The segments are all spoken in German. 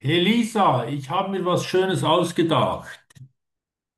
Elisa, ich habe mir was Schönes ausgedacht.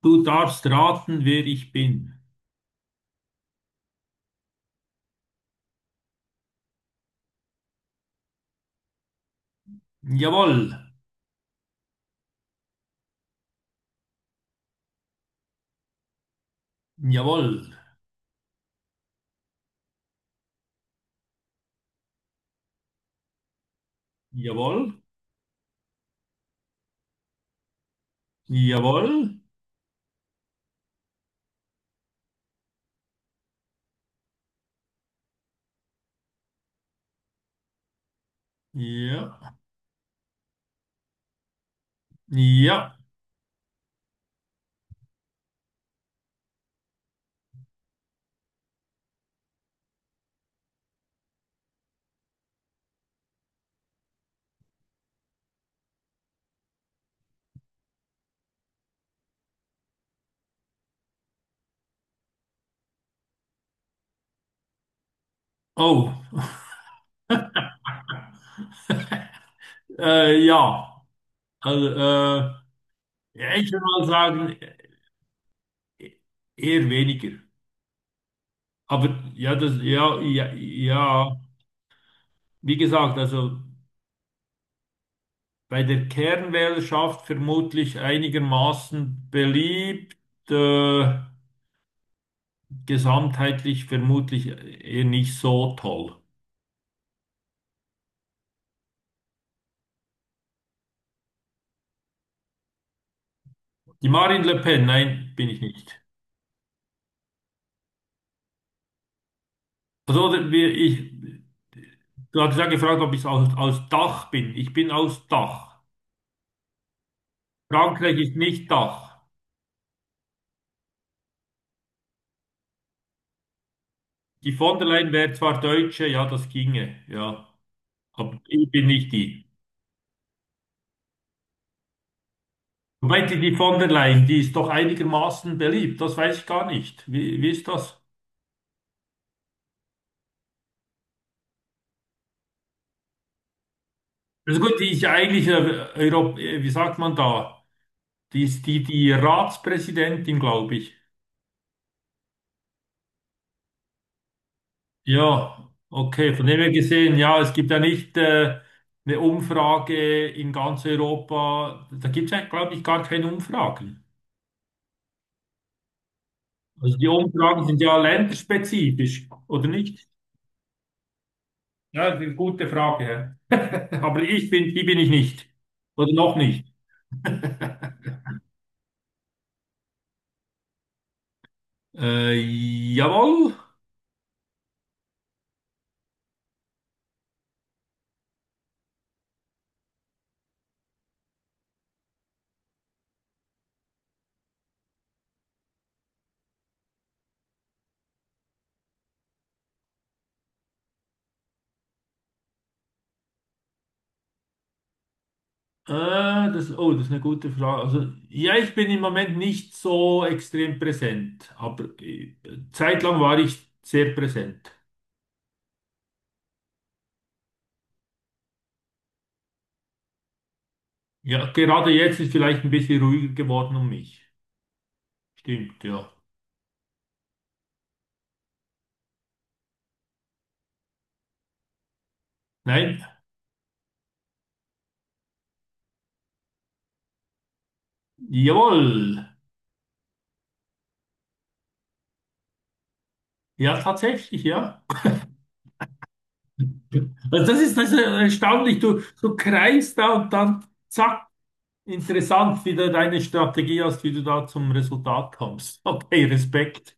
Du darfst raten, wer ich bin. Jawohl, jawohl, jawohl, jawohl, ja, ja. Oh, ja. Also, ja, ich würde mal sagen, e- eher weniger. Aber ja, ja, ja, ja. Wie gesagt, also bei der Kernwählerschaft vermutlich einigermaßen beliebt. Äh, Gesamtheitlich vermutlich eher nicht so toll. Die Marine Le Pen, nein, bin ich nicht. Ich, du hast ja gefragt, ob ich aus Dach bin. Ich bin aus Dach. Frankreich ist nicht Dach. Die von der Leyen wäre zwar Deutsche, ja, das ginge, ja. Aber ich bin nicht die. Wobei die von der Leyen, die ist doch einigermaßen beliebt. Das weiß ich gar nicht. Wie ist das? Also gut, die ist ja eigentlich, wie sagt man da? Die Ratspräsidentin, glaube ich. Ja, okay. Von dem her gesehen, ja, es gibt ja nicht eine Umfrage in ganz Europa. Da gibt es ja, glaube ich, gar keine Umfragen. Also die Umfragen sind ja länderspezifisch, oder nicht? Ja, das ist eine gute Frage. Hä? Aber ich die bin ich nicht. Oder noch nicht. Äh, Jawohl. Äh, oh, das ist eine gute Frage. Also, ja, ich bin im Moment nicht so extrem präsent, aber zeitlang war ich sehr präsent. Ja, gerade jetzt ist vielleicht ein bisschen ruhiger geworden um mich. Stimmt, ja. Nein, jawohl. Ja, tatsächlich, ja. Das ist erstaunlich. Du kreist da und dann zack, interessant, wie du deine Strategie hast, wie du da zum Resultat kommst. Okay, Respekt.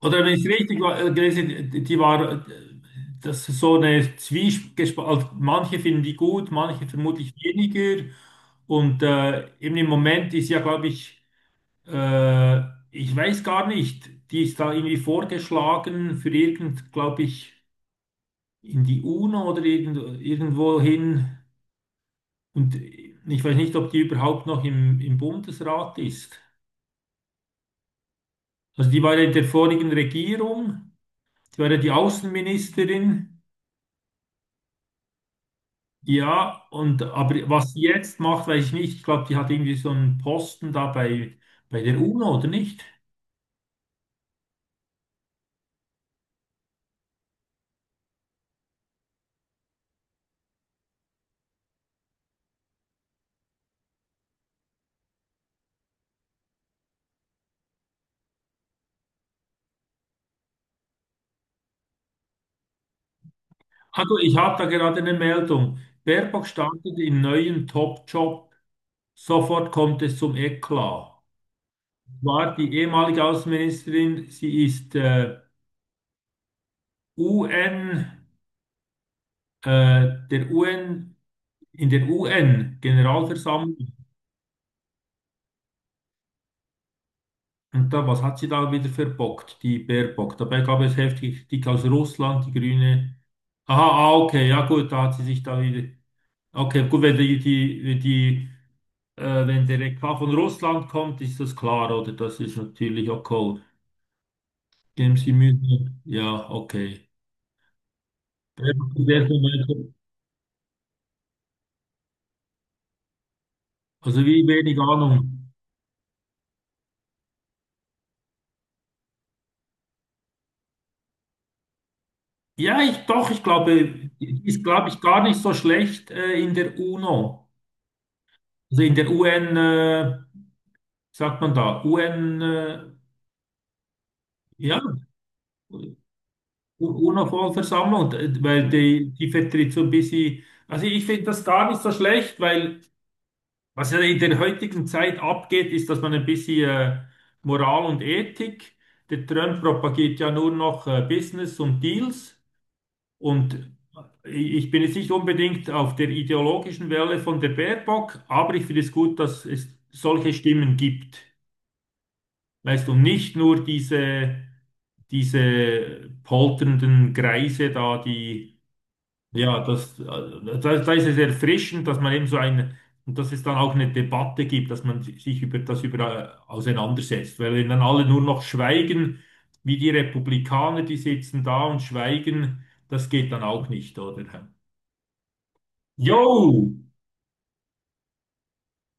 Oder wenn ich es richtig war, gelesen, die war, das ist so eine Zwiespalt. Also manche finden die gut, manche vermutlich weniger. Und eben im Moment ist ja, glaube ich, Äh, ich weiß gar nicht. Die ist da irgendwie vorgeschlagen für irgend, glaube ich, in die UNO oder irgendwo hin. Und ich weiß nicht, ob die überhaupt noch im Bundesrat ist. Also die war ja in der vorigen Regierung, die war ja die Außenministerin. Ja, und aber was sie jetzt macht, weiß ich nicht. Ich glaube, die hat irgendwie so einen Posten da bei der UNO, oder nicht? Also ich habe da gerade eine Meldung. Baerbock startet in neuen Top-Job. Sofort kommt es zum Eklat. War die ehemalige Außenministerin, sie ist UN, äh, der UN, in der UN-Generalversammlung. Und da, was hat sie da wieder verbockt, die Baerbock? Dabei gab es heftig Kritik aus Russland, die Grüne. Aha, ah, okay, ja gut, da hat sie sich da wieder. Okay, gut, wenn die, wenn der Eklat von Russland kommt, ist das klar, oder? Das ist natürlich okay. Geben Sie Mühe. Ja, okay. Sehr viel Leute. Also wie wenig Ahnung. Ich glaube, die ist, glaube ich, gar nicht so schlecht in der UNO. Also in der UN, sagt man da, UN, ja, UNO-Vollversammlung, weil die vertritt so ein bisschen, also ich finde das gar nicht so schlecht, weil was ja in der heutigen Zeit abgeht, ist, dass man ein bisschen Moral und Ethik, der Trump propagiert ja nur noch Business und Deals. Und ich bin jetzt nicht unbedingt auf der ideologischen Welle von der Baerbock, aber ich finde es gut, dass es solche Stimmen gibt. Weißt du, nicht nur diese polternden Greise da, die, ja, da ist es erfrischend, dass man eben so eine, und dass es dann auch eine Debatte gibt, dass man sich über das über auseinandersetzt. Weil wenn dann alle nur noch schweigen, wie die Republikaner, die sitzen da und schweigen, das geht dann auch nicht, oder? Jo,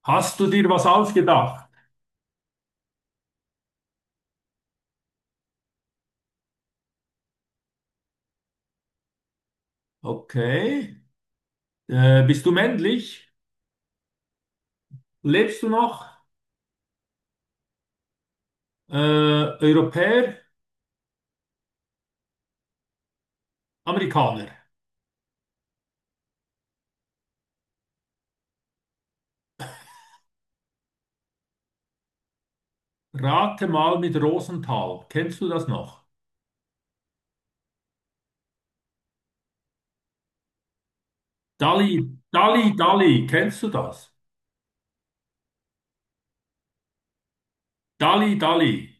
hast du dir was ausgedacht? Okay. Bist du männlich? Lebst du noch? Äh, Europäer? Amerikaner? Rate mal mit Rosenthal. Kennst du das noch? Dalli. Kennst du das? Dalli, Dalli.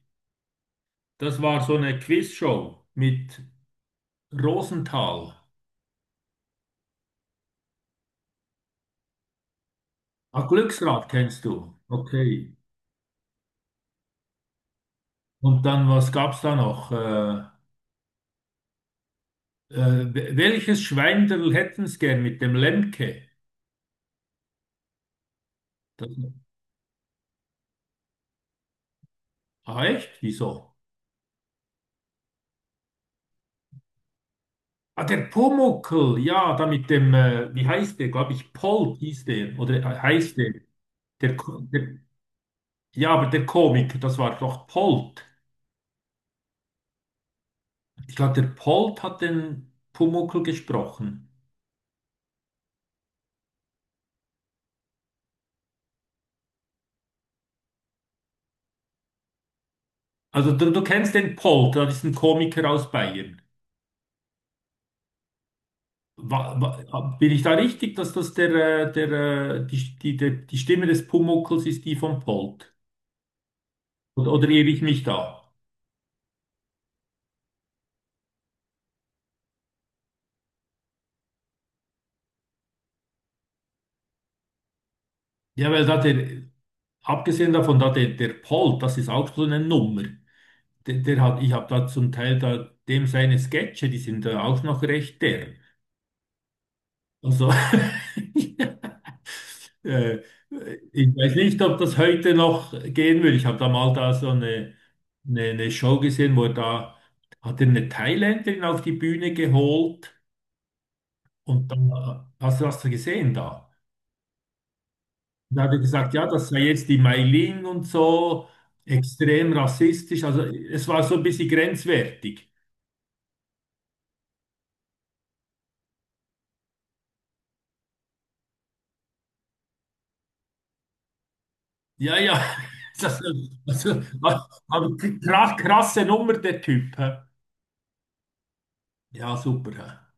Das war so eine Quizshow mit Rosenthal. Ah, Glücksrad kennst du. Okay. Und dann, was gab's da noch? Welches Schweinderl hätten's gern mit dem Lemke? Das, ah, echt? Wieso? Ah, der Pumuckl, ja, da mit dem, wie heißt der? Glaube ich, Polt hieß der, oder heißt der. Der. Ja, aber der Komiker, das war doch Polt. Ich glaube, der Polt hat den Pumuckl gesprochen. Also du kennst den Polt, das ist ein Komiker aus Bayern. Bin ich da richtig, dass das der, der, die, die, der, die Stimme des Pumuckls ist die von Polt? Oder irre ich mich da? Ja, weil abgesehen davon, da der Polt, das ist auch so eine Nummer. Der hat, ich habe da zum Teil da dem seine Sketche, die sind da auch noch recht der. Also äh, ich weiß nicht, ob das heute noch gehen will. Ich habe da mal da so eine Show gesehen, wo er da hat er eine Thailänderin auf die Bühne geholt und dann hast du das gesehen da? Da hat er gesagt, ja, das sei jetzt die Mailin und so, extrem rassistisch. Also es war so ein bisschen grenzwertig. Ja, ja, das, also, aber krass, krasse Nummer, der Typ. Hä? Ja, super. Hä?